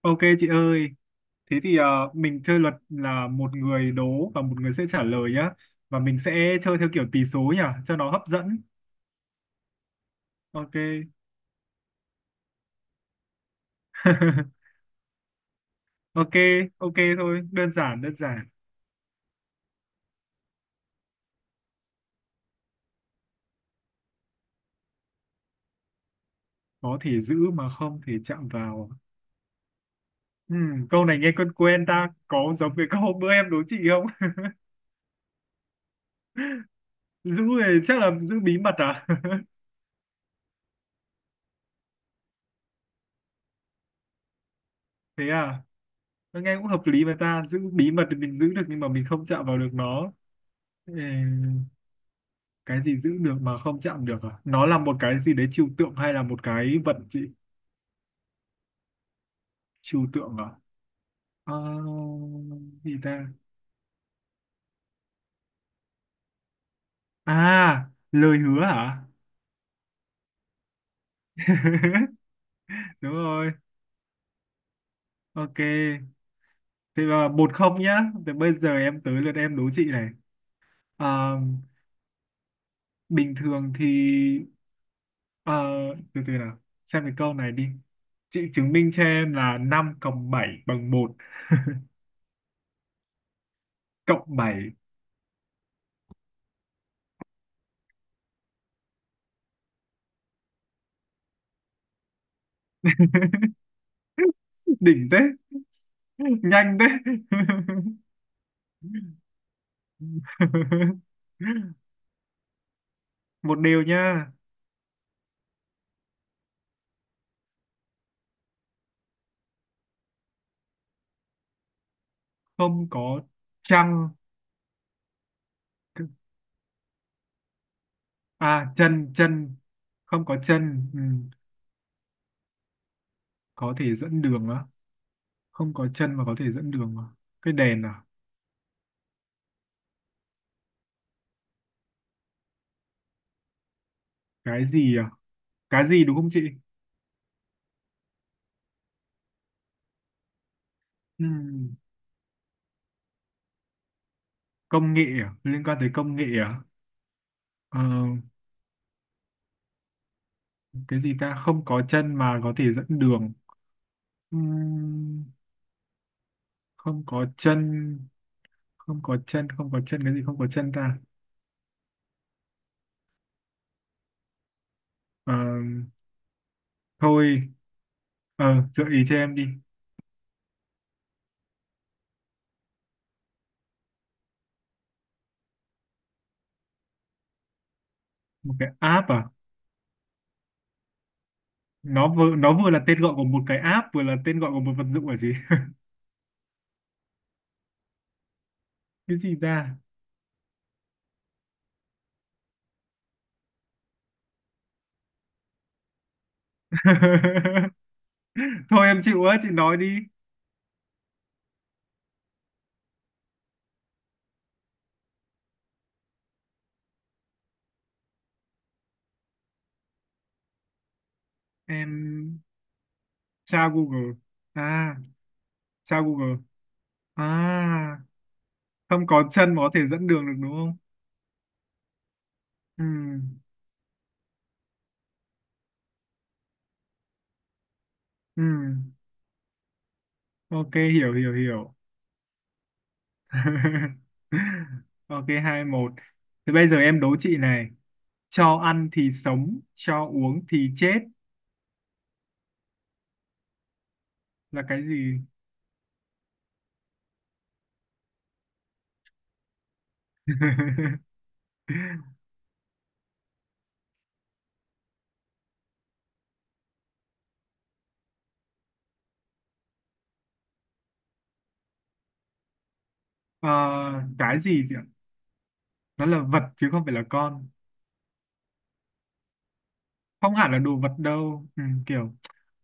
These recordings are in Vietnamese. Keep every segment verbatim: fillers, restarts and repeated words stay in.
Ok chị ơi, thế thì ờ, mình chơi luật là một người đố và một người sẽ trả lời nhá. Và mình sẽ chơi theo kiểu tỷ số nhỉ, cho nó hấp dẫn. Ok. Ok, ok thôi, đơn giản, đơn giản. Có thể giữ mà không thể chạm vào. Ừm, câu này nghe quen quen ta, có giống với các hôm bữa em đố chị không? Giữ thì chắc là giữ bí mật à? Thế à, nó nghe cũng hợp lý mà ta, giữ bí mật thì mình giữ được nhưng mà mình không chạm vào được nó. Ừ. Cái gì giữ được mà không chạm được? À, nó là một cái gì đấy trừu tượng hay là một cái vật chị? Trừu tượng à? Ờ, gì ta? À, lời hứa hả? Đúng rồi. Ok, thế là một không nhá. Thế bây giờ em tới lượt em đố chị này. Ờ, bình thường thì ờ, từ từ nào, xem cái câu này đi. Chị chứng minh cho em là năm cộng bảy bằng một. Cộng bảy. Đỉnh thế. Nhanh thế. Một điều nha. Không có trăng? À, chân chân. Không có chân. Ừ. Có thể dẫn đường á? Không có chân mà có thể dẫn đường à? Cái đèn à? Cái gì à? Cái gì đúng không chị? Ừ. Công nghệ à? Liên quan tới công nghệ à? Ờ, cái gì ta, không có chân mà có thể dẫn đường. Ừ. Không có chân. Không có chân không có chân, cái gì không có chân ta? Ờ, thôi. Ờ, gợi ý cho em đi. Một cái app à? Nó vừa nó vừa là tên gọi của một cái app, vừa là tên gọi của một vật dụng là gì? Cái gì ra? Thôi em chịu á, chị nói đi. Em tra Google. À, tra Google. À, không có chân mà có thể dẫn đường được đúng không? Ừ, ừ. Ok, hiểu hiểu hiểu. Ok, hai một. Thế bây giờ em đố chị này. Cho ăn thì sống, cho uống thì chết là cái gì? Ờ, cái gì chị ạ? Nó là vật chứ không phải là con. Không hẳn là đồ vật đâu. Ừ, kiểu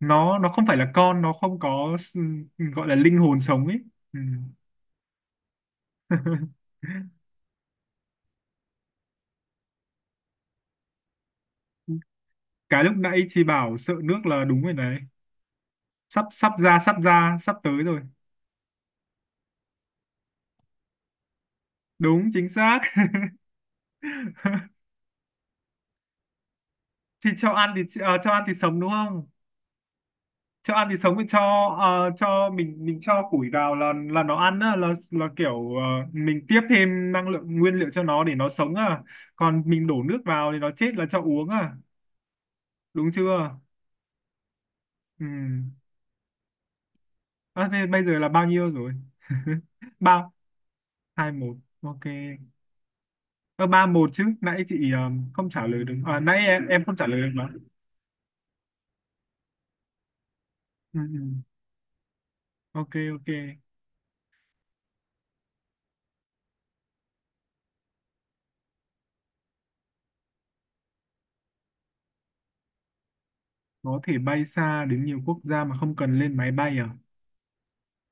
nó nó không phải là con, nó không có s- gọi là linh hồn sống ấy. Ừ. Cái lúc nãy chị bảo sợ nước là đúng rồi đấy. Sắp sắp ra, sắp ra, sắp tới rồi. Đúng, chính xác. Thì cho ăn thì à, cho ăn thì sống đúng không? Cho ăn thì sống thì cho ờ, cho mình mình cho củi vào là là nó ăn á, là là kiểu ờ, mình tiếp thêm năng lượng nguyên liệu cho nó để nó sống à, còn mình đổ nước vào thì nó chết là cho uống à. Đúng chưa? Ừ. À, thế bây giờ là bao nhiêu rồi? Ba hai một, ok. Ờ, ba một chứ, nãy chị ờ, không trả lời được à, nãy em em không trả lời được mà. Ừ, ừ. Ok ok. Có thể bay xa đến nhiều quốc gia mà không cần lên máy bay à?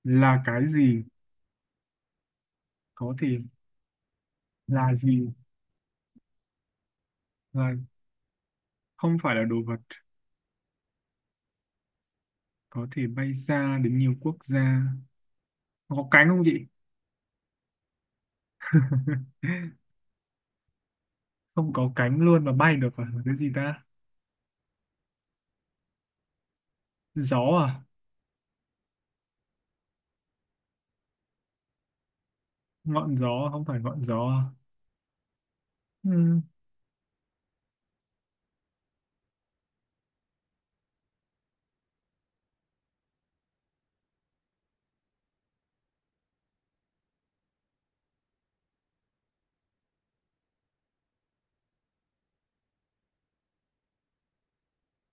Là cái gì? Có thể. Là gì? Là. Không phải là đồ vật. Có thể bay xa đến nhiều quốc gia. Nó có cánh không chị? Không có cánh luôn mà bay được à? Là cái gì ta? Gió à? Ngọn gió, không phải ngọn gió à? Ừm,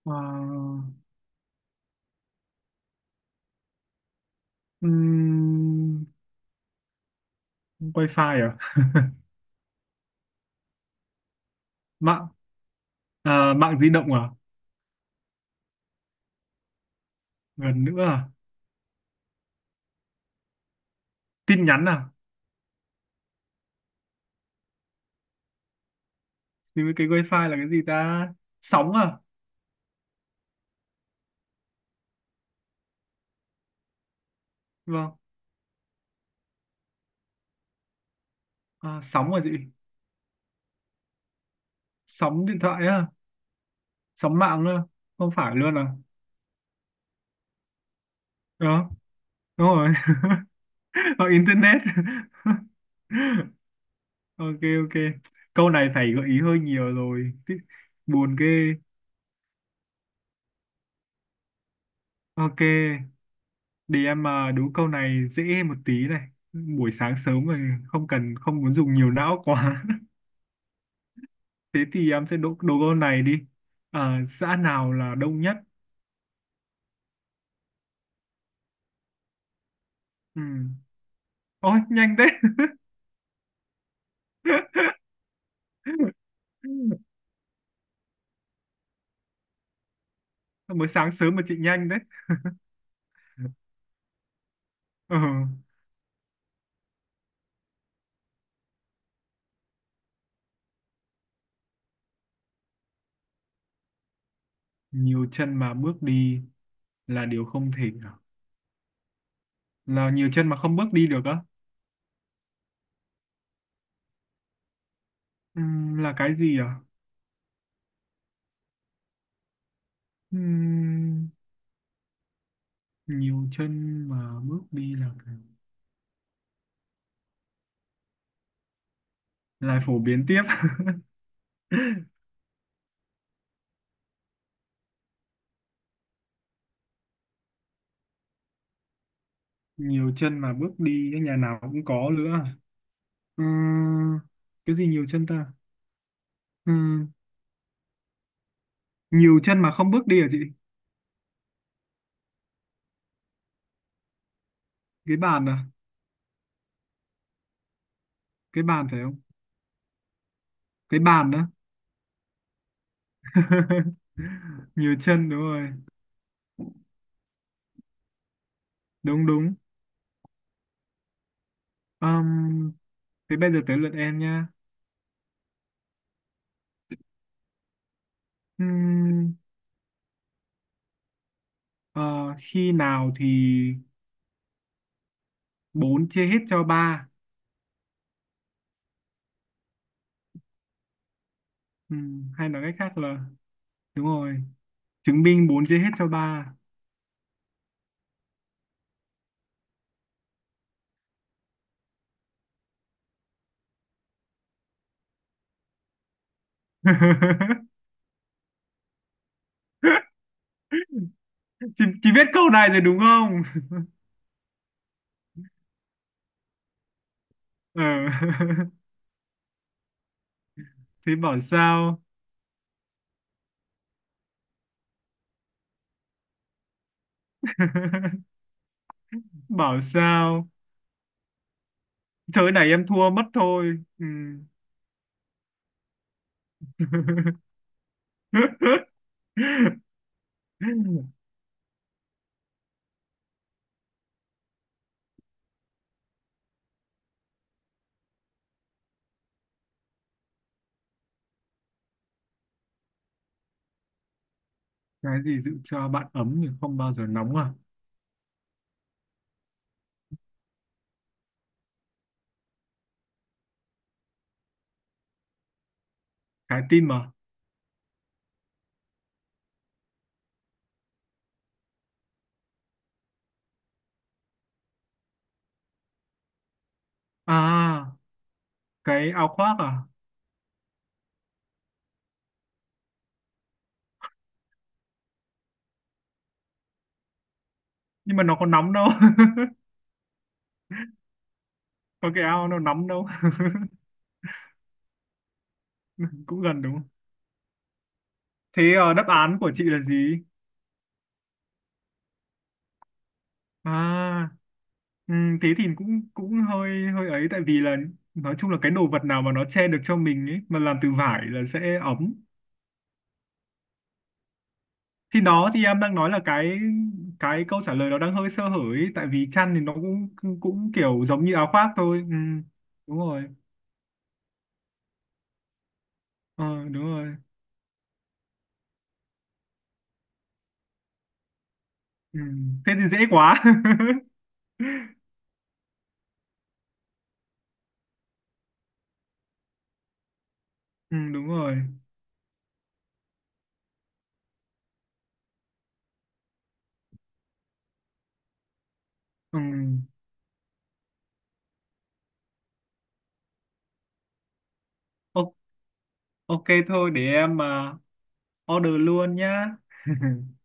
à, ừm, wifi à? Mạng à? Mạng di động à? Gần nữa à? Tin nhắn à? Thì cái wifi là cái gì ta? Sóng à? Vâng. À, sóng à chị? Sóng điện thoại á? Sóng mạng á? Không phải luôn à? Đó, đúng rồi. Hoặc internet. Ok ok. Câu này phải gợi ý hơi nhiều rồi. Tí- Buồn ghê. Ok. Để em mà đố câu này dễ một tí này. Buổi sáng sớm rồi, không cần không muốn dùng nhiều não quá. Thế thì em sẽ đố, đố câu này đi. À, xã nào là đông nhất? Ừ. Ôi nhanh thế. Mới sáng sớm mà chị nhanh đấy. Ờ, nhiều chân mà bước đi là điều không thể à? Là nhiều chân mà không bước đi được á? Ừm, là cái gì à? Ừm, nhiều chân mà bước đi là cái- lại phổ biến tiếp. Nhiều chân mà bước đi, cái nhà nào cũng có nữa. Ừm, cái gì nhiều chân ta? Ừm, nhiều chân mà không bước đi à chị? Cái bàn à? Cái bàn phải không? Cái bàn đó. Nhiều chân đúng rồi. Đúng đúng. Ừm, thế bây giờ tới lượt em nha. Ừm, ờ, khi nào thì bốn chia hết cho ba? Ừm, hay nói cách khác là, đúng rồi, chứng minh bốn chia hết cho ba. chị, chị biết câu này rồi đúng không? Ờ. Thế bảo sao. Bảo sao, thế này em thua mất thôi. Ừ. Cái gì giữ cho bạn ấm nhưng không bao giờ nóng à? Trái tim à? À, cái áo khoác à? Nhưng mà nó có nóng đâu. Có cái áo nó nóng đâu. Cũng gần đúng không? Thế ờ, đáp án của chị là gì? À. Ừ, thế thì cũng cũng hơi hơi ấy, tại vì là nói chung là cái đồ vật nào mà nó che được cho mình ấy mà làm từ vải là sẽ ấm. Thì đó thì em đang nói là cái cái câu trả lời nó đang hơi sơ hở ấy, tại vì chăn thì nó cũng cũng, cũng kiểu giống như áo khoác thôi. Ừ, đúng rồi. Ờ đúng rồi. Ừ. Thế thì dễ quá. Ừ, đúng rồi. Ừ. O- ok thôi, để em mà order luôn nhá.